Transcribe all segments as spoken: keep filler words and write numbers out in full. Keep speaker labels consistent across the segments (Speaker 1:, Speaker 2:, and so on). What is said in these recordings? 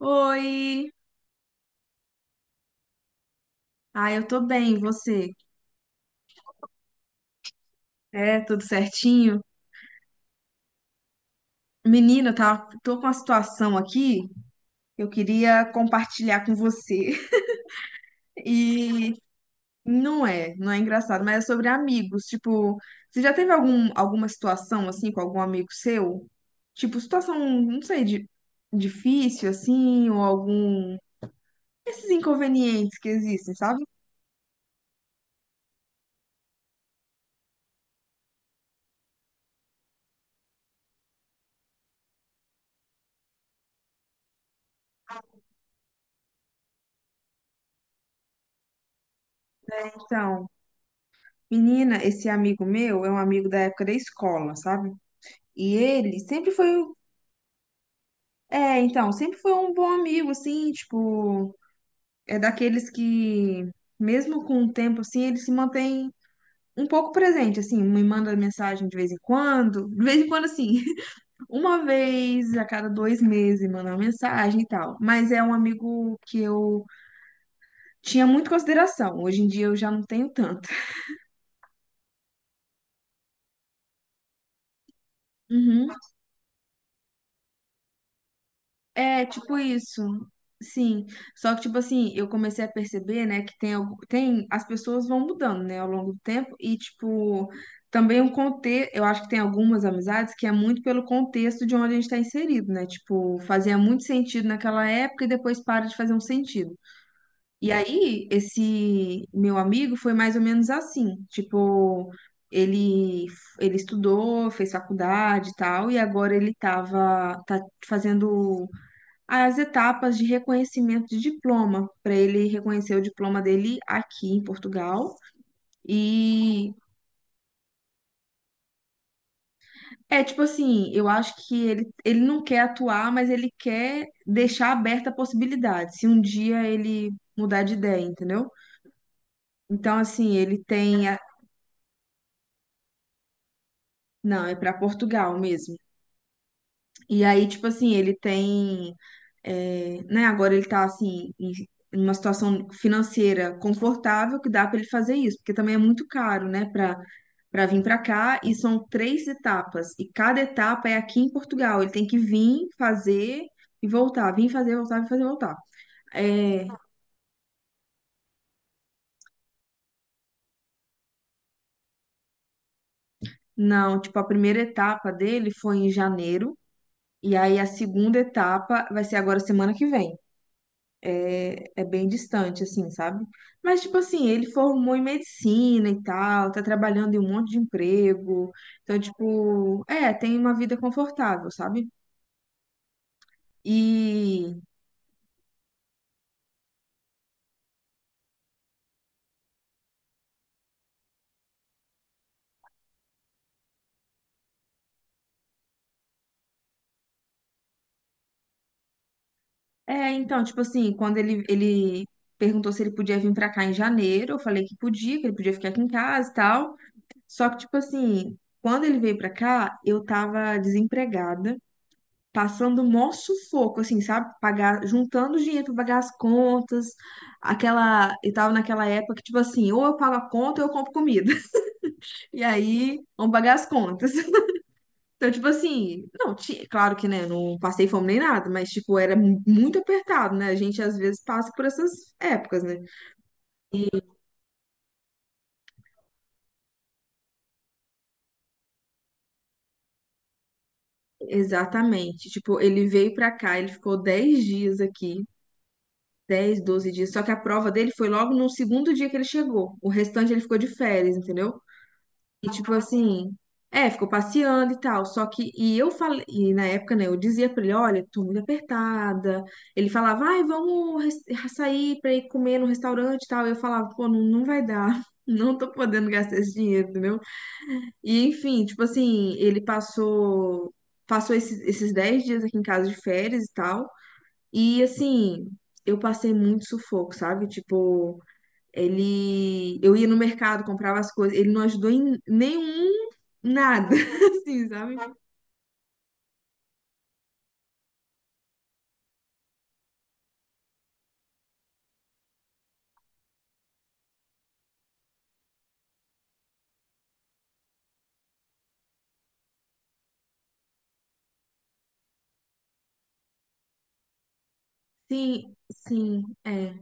Speaker 1: Oi! Ah, eu tô bem, e você? É, tudo certinho? Menina, tá, tô com uma situação aqui que eu queria compartilhar com você. E não é, não é engraçado, mas é sobre amigos. Tipo, você já teve algum, alguma situação assim com algum amigo seu? Tipo, situação, não sei, de, difícil assim, ou algum. Esses inconvenientes que existem, sabe? Então, menina, esse amigo meu é um amigo da época da escola, sabe? E ele sempre foi É, então, sempre foi um bom amigo, assim, tipo, é daqueles que, mesmo com o tempo, assim, ele se mantém um pouco presente, assim, me manda mensagem de vez em quando, de vez em quando, assim, uma vez a cada dois meses manda uma mensagem e tal, mas é um amigo que eu tinha muito consideração, hoje em dia eu já não tenho tanto. Uhum. É, tipo isso. Sim. Só que, tipo assim, eu comecei a perceber, né, que tem, algu- tem, as pessoas vão mudando, né, ao longo do tempo. E, tipo, também o contexto, eu acho que tem algumas amizades que é muito pelo contexto de onde a gente está inserido, né? Tipo, fazia muito sentido naquela época e depois para de fazer um sentido. E aí, esse meu amigo foi mais ou menos assim, tipo, ele, ele estudou, fez faculdade e tal, e agora ele tava, tá fazendo as etapas de reconhecimento de diploma, para ele reconhecer o diploma dele aqui em Portugal. E é tipo assim, eu acho que ele, ele não quer atuar, mas ele quer deixar aberta a possibilidade, se um dia ele mudar de ideia, entendeu? Então, assim, ele tem. a- Não, é para Portugal mesmo. E aí, tipo assim, ele tem, é, né, agora ele tá assim, em em uma situação financeira confortável que dá pra ele fazer isso, porque também é muito caro, né, pra para vir pra cá, e são três etapas, e cada etapa é aqui em Portugal, ele tem que vir, fazer e voltar, vir fazer, voltar, vir fazer, voltar. É, não, tipo, a primeira etapa dele foi em janeiro, e aí a segunda etapa vai ser agora semana que vem. É bem distante, assim, sabe? Mas, tipo assim, ele formou em medicina e tal, tá trabalhando em um monte de emprego. Então, tipo, é, tem uma vida confortável, sabe? E, é, então, tipo assim, quando ele, ele perguntou se ele podia vir pra cá em janeiro, eu falei que podia, que ele podia ficar aqui em casa e tal. Só que, tipo assim, quando ele veio pra cá, eu tava desempregada. passando mó sufoco, assim, sabe? Pagar, juntando dinheiro pra pagar as contas, aquela, e tava naquela época que, tipo assim, ou eu pago a conta ou eu compro comida. E aí, vamos pagar as contas. Então, tipo assim, não, ti- claro que, né, não passei fome nem nada, mas, tipo, era mu- muito apertado, né? A gente, às vezes, passa por essas épocas, né? Exatamente. Tipo, ele veio pra cá, ele ficou dez dias aqui. Dez doze dias. Só que a prova dele foi logo no segundo dia que ele chegou. O restante ele ficou de férias, entendeu? E tipo assim, é, ficou passeando e tal. Só que, e eu falei, e na época, né, eu dizia pra ele, olha, tô muito apertada. Ele falava, ai, vamos res- sair pra ir comer no restaurante e tal. Eu falava, pô, não, não vai dar. Não tô podendo gastar esse dinheiro, entendeu? E enfim, tipo assim, ele passou, passou esses, esses dez dias aqui em casa de férias e tal. E assim, eu passei muito sufoco, sabe? Tipo, ele, eu ia no mercado, comprava as coisas, ele não ajudou em nenhum nada, assim, sabe? Sim, sim, é.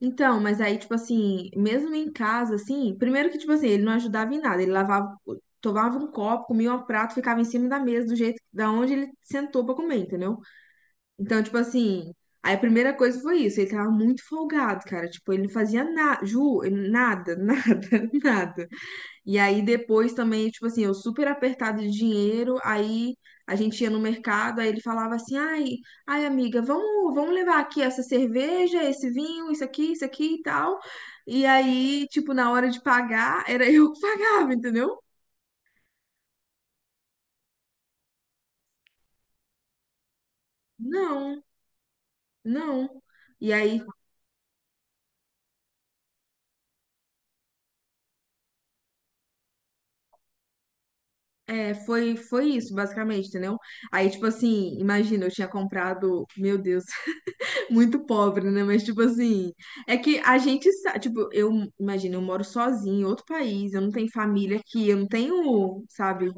Speaker 1: Então, mas aí, tipo assim, mesmo em casa, assim, primeiro que, tipo assim, ele não ajudava em nada, ele lavava, tomava um copo, comia um prato, ficava em cima da mesa, do jeito, da onde ele sentou pra comer, entendeu? Então, tipo assim, aí a primeira coisa foi isso, ele tava muito folgado, cara, tipo, ele não fazia nada, Ju, ele- nada, nada, nada. E aí depois também, tipo assim, eu super apertado de dinheiro, aí a gente ia no mercado, aí ele falava assim: "Ai, ai amiga, vamos, vamos levar aqui essa cerveja, esse vinho, isso aqui, isso aqui e tal". E aí, tipo, na hora de pagar, era eu que pagava, entendeu? Não, não. E aí, é, foi, foi isso, basicamente, entendeu? Aí, tipo assim, imagina, eu tinha comprado, meu Deus, muito pobre, né? Mas, tipo assim, é que a gente sabe, tipo, eu imagino, eu moro sozinha em outro país, eu não tenho família aqui, eu não tenho, sabe,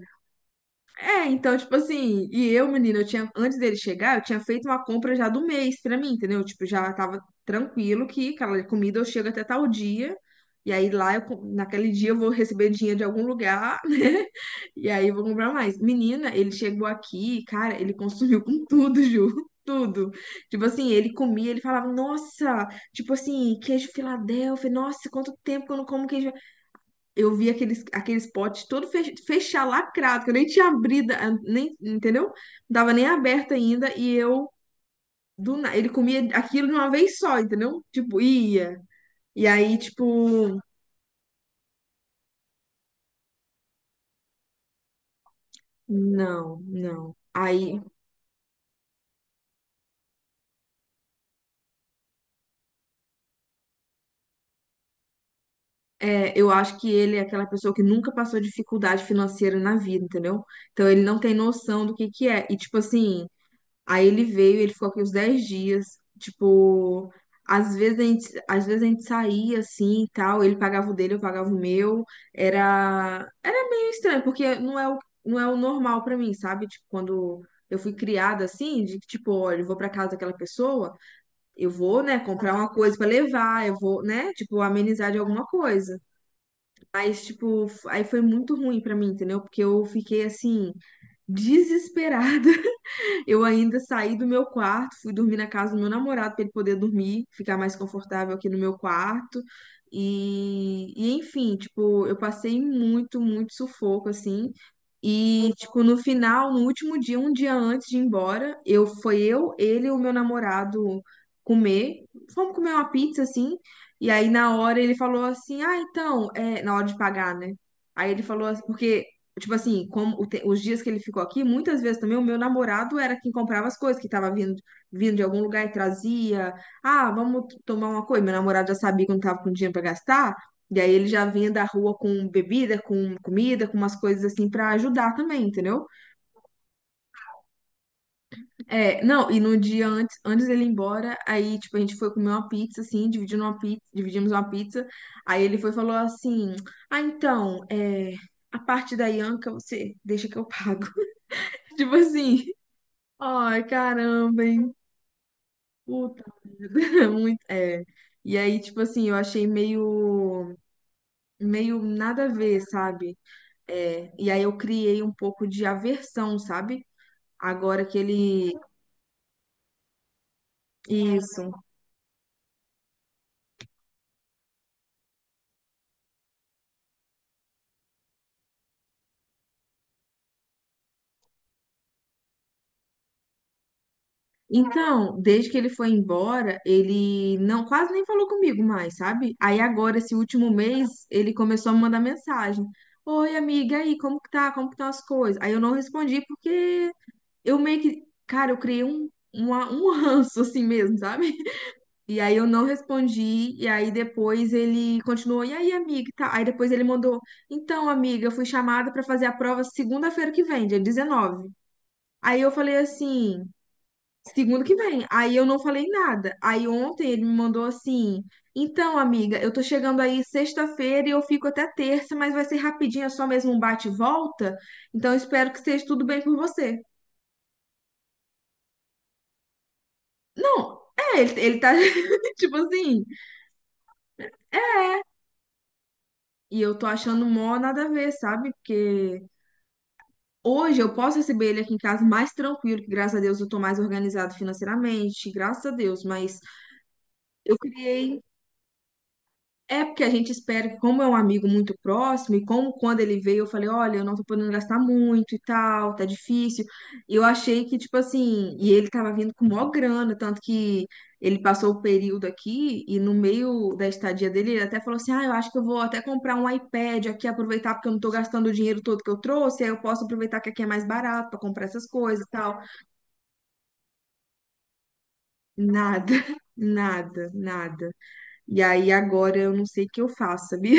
Speaker 1: é, então, tipo assim, e eu, menina, eu tinha, antes dele chegar, eu tinha feito uma compra já do mês pra mim, entendeu? Tipo, já tava tranquilo que aquela comida eu chego até tal dia, e aí lá, eu, com- naquele dia eu vou receber dinheiro de algum lugar, né? E aí eu vou comprar mais. Menina, ele chegou aqui, cara, ele consumiu com tudo, Ju, tudo. Tipo assim, ele comia, ele falava, nossa, tipo assim, queijo Filadélfia, nossa, quanto tempo que eu não como queijo eu vi aqueles, aqueles potes todo fech- fechado, lacrado, que eu nem tinha abrido, ah, nem, entendeu? Não tava nem aberto ainda, e eu, do na- ele comia aquilo de uma vez só, entendeu? Tipo, ia. E aí, tipo, não, não. Aí, é, eu acho que ele é aquela pessoa que nunca passou dificuldade financeira na vida, entendeu? Então, ele não tem noção do que que é. E, tipo assim, aí ele veio, ele ficou aqui uns dez dias. Tipo, às vezes a gente, às vezes a gente saía assim e tal, ele pagava o dele, eu pagava o meu. Era, era meio estranho, porque não é o, não é o normal pra mim, sabe? Tipo, quando eu fui criada assim, de que, tipo, olha, eu vou pra casa daquela pessoa, eu vou, né, comprar uma coisa pra levar, eu vou, né, tipo, amenizar de alguma coisa. Mas, tipo, aí foi muito ruim pra mim, entendeu? Porque eu fiquei assim, desesperada. Eu ainda saí do meu quarto, fui dormir na casa do meu namorado para ele poder dormir, ficar mais confortável aqui no meu quarto. E, e enfim, tipo, eu passei muito, muito sufoco assim. E tipo, no final, no último dia, um dia antes de ir embora, eu foi eu, ele e o meu namorado comer. Fomos comer uma pizza assim. E aí na hora ele falou assim: "Ah, então, é na hora de pagar, né?" Aí ele falou assim, porque tipo assim, como o te- os dias que ele ficou aqui, muitas vezes também o meu namorado era quem comprava as coisas, que tava vindo, vindo de algum lugar e trazia. Ah, vamos t- tomar uma coisa. Meu namorado já sabia que eu não tava com dinheiro pra gastar, e aí ele já vinha da rua com bebida, com comida, com umas coisas assim pra ajudar também, entendeu? É, não, e no dia antes, antes dele ir embora, aí, tipo, a gente foi comer uma pizza, assim, dividindo uma pizza, dividimos uma pizza, aí ele foi e falou assim, ah, então, é, a parte da Ianca você deixa que eu pago. Tipo assim, Ai, caramba, hein? Puta merda. Muito, é. E aí, tipo assim, eu achei meio, meio nada a ver, sabe? É. E aí eu criei um pouco de aversão, sabe? Agora que ele. Isso. Então, desde que ele foi embora, ele não quase nem falou comigo mais, sabe? Aí agora, esse último mês, ele começou a me mandar mensagem. Oi, amiga, e aí, como que tá? Como que estão as coisas? Aí eu não respondi porque eu meio que, cara, eu criei um, uma- um ranço assim mesmo, sabe? E aí eu não respondi, e aí depois ele continuou, e aí, amiga, e tal. Aí depois ele mandou, então, amiga, eu fui chamada pra fazer a prova segunda-feira que vem, dia dezenove. Aí eu falei assim, segunda que vem. Aí eu não falei nada. Aí ontem ele me mandou assim, então, amiga, eu tô chegando aí sexta-feira e eu fico até terça, mas vai ser rapidinho, é só mesmo um bate e volta. Então, eu espero que esteja tudo bem com você. Não, é, ele, ele tá, tipo assim, e eu tô achando mó nada a ver, sabe? Porque hoje eu posso receber ele aqui em casa mais tranquilo, que graças a Deus eu tô mais organizado financeiramente, graças a Deus, mas eu criei. É porque a gente espera que, como é um amigo muito próximo, e como quando ele veio, eu falei, olha, eu não tô podendo gastar muito e tal, tá difícil. E eu achei que, tipo assim, e ele tava vindo com maior grana, tanto que ele passou o período aqui, e no meio da estadia dele, ele até falou assim, ah, eu acho que eu vou até comprar um iPad aqui, aproveitar, porque eu não tô gastando o dinheiro todo que eu trouxe, aí eu posso aproveitar que aqui é mais barato pra comprar essas coisas e tal. Nada, nada, nada. E aí agora eu não sei o que eu faço, sabia?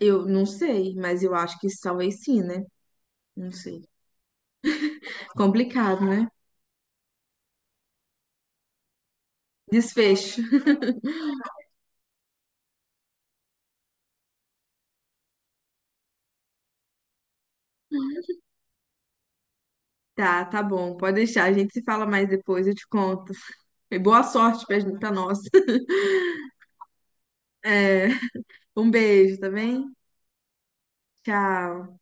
Speaker 1: Eu não sei, mas eu acho que talvez sim, né? Não sei. Complicado, né? Desfecho. Tá, tá bom. Pode deixar. A gente se fala mais depois, eu te conto. E boa sorte pra, pra nós. É, um beijo, tá bem? Tchau.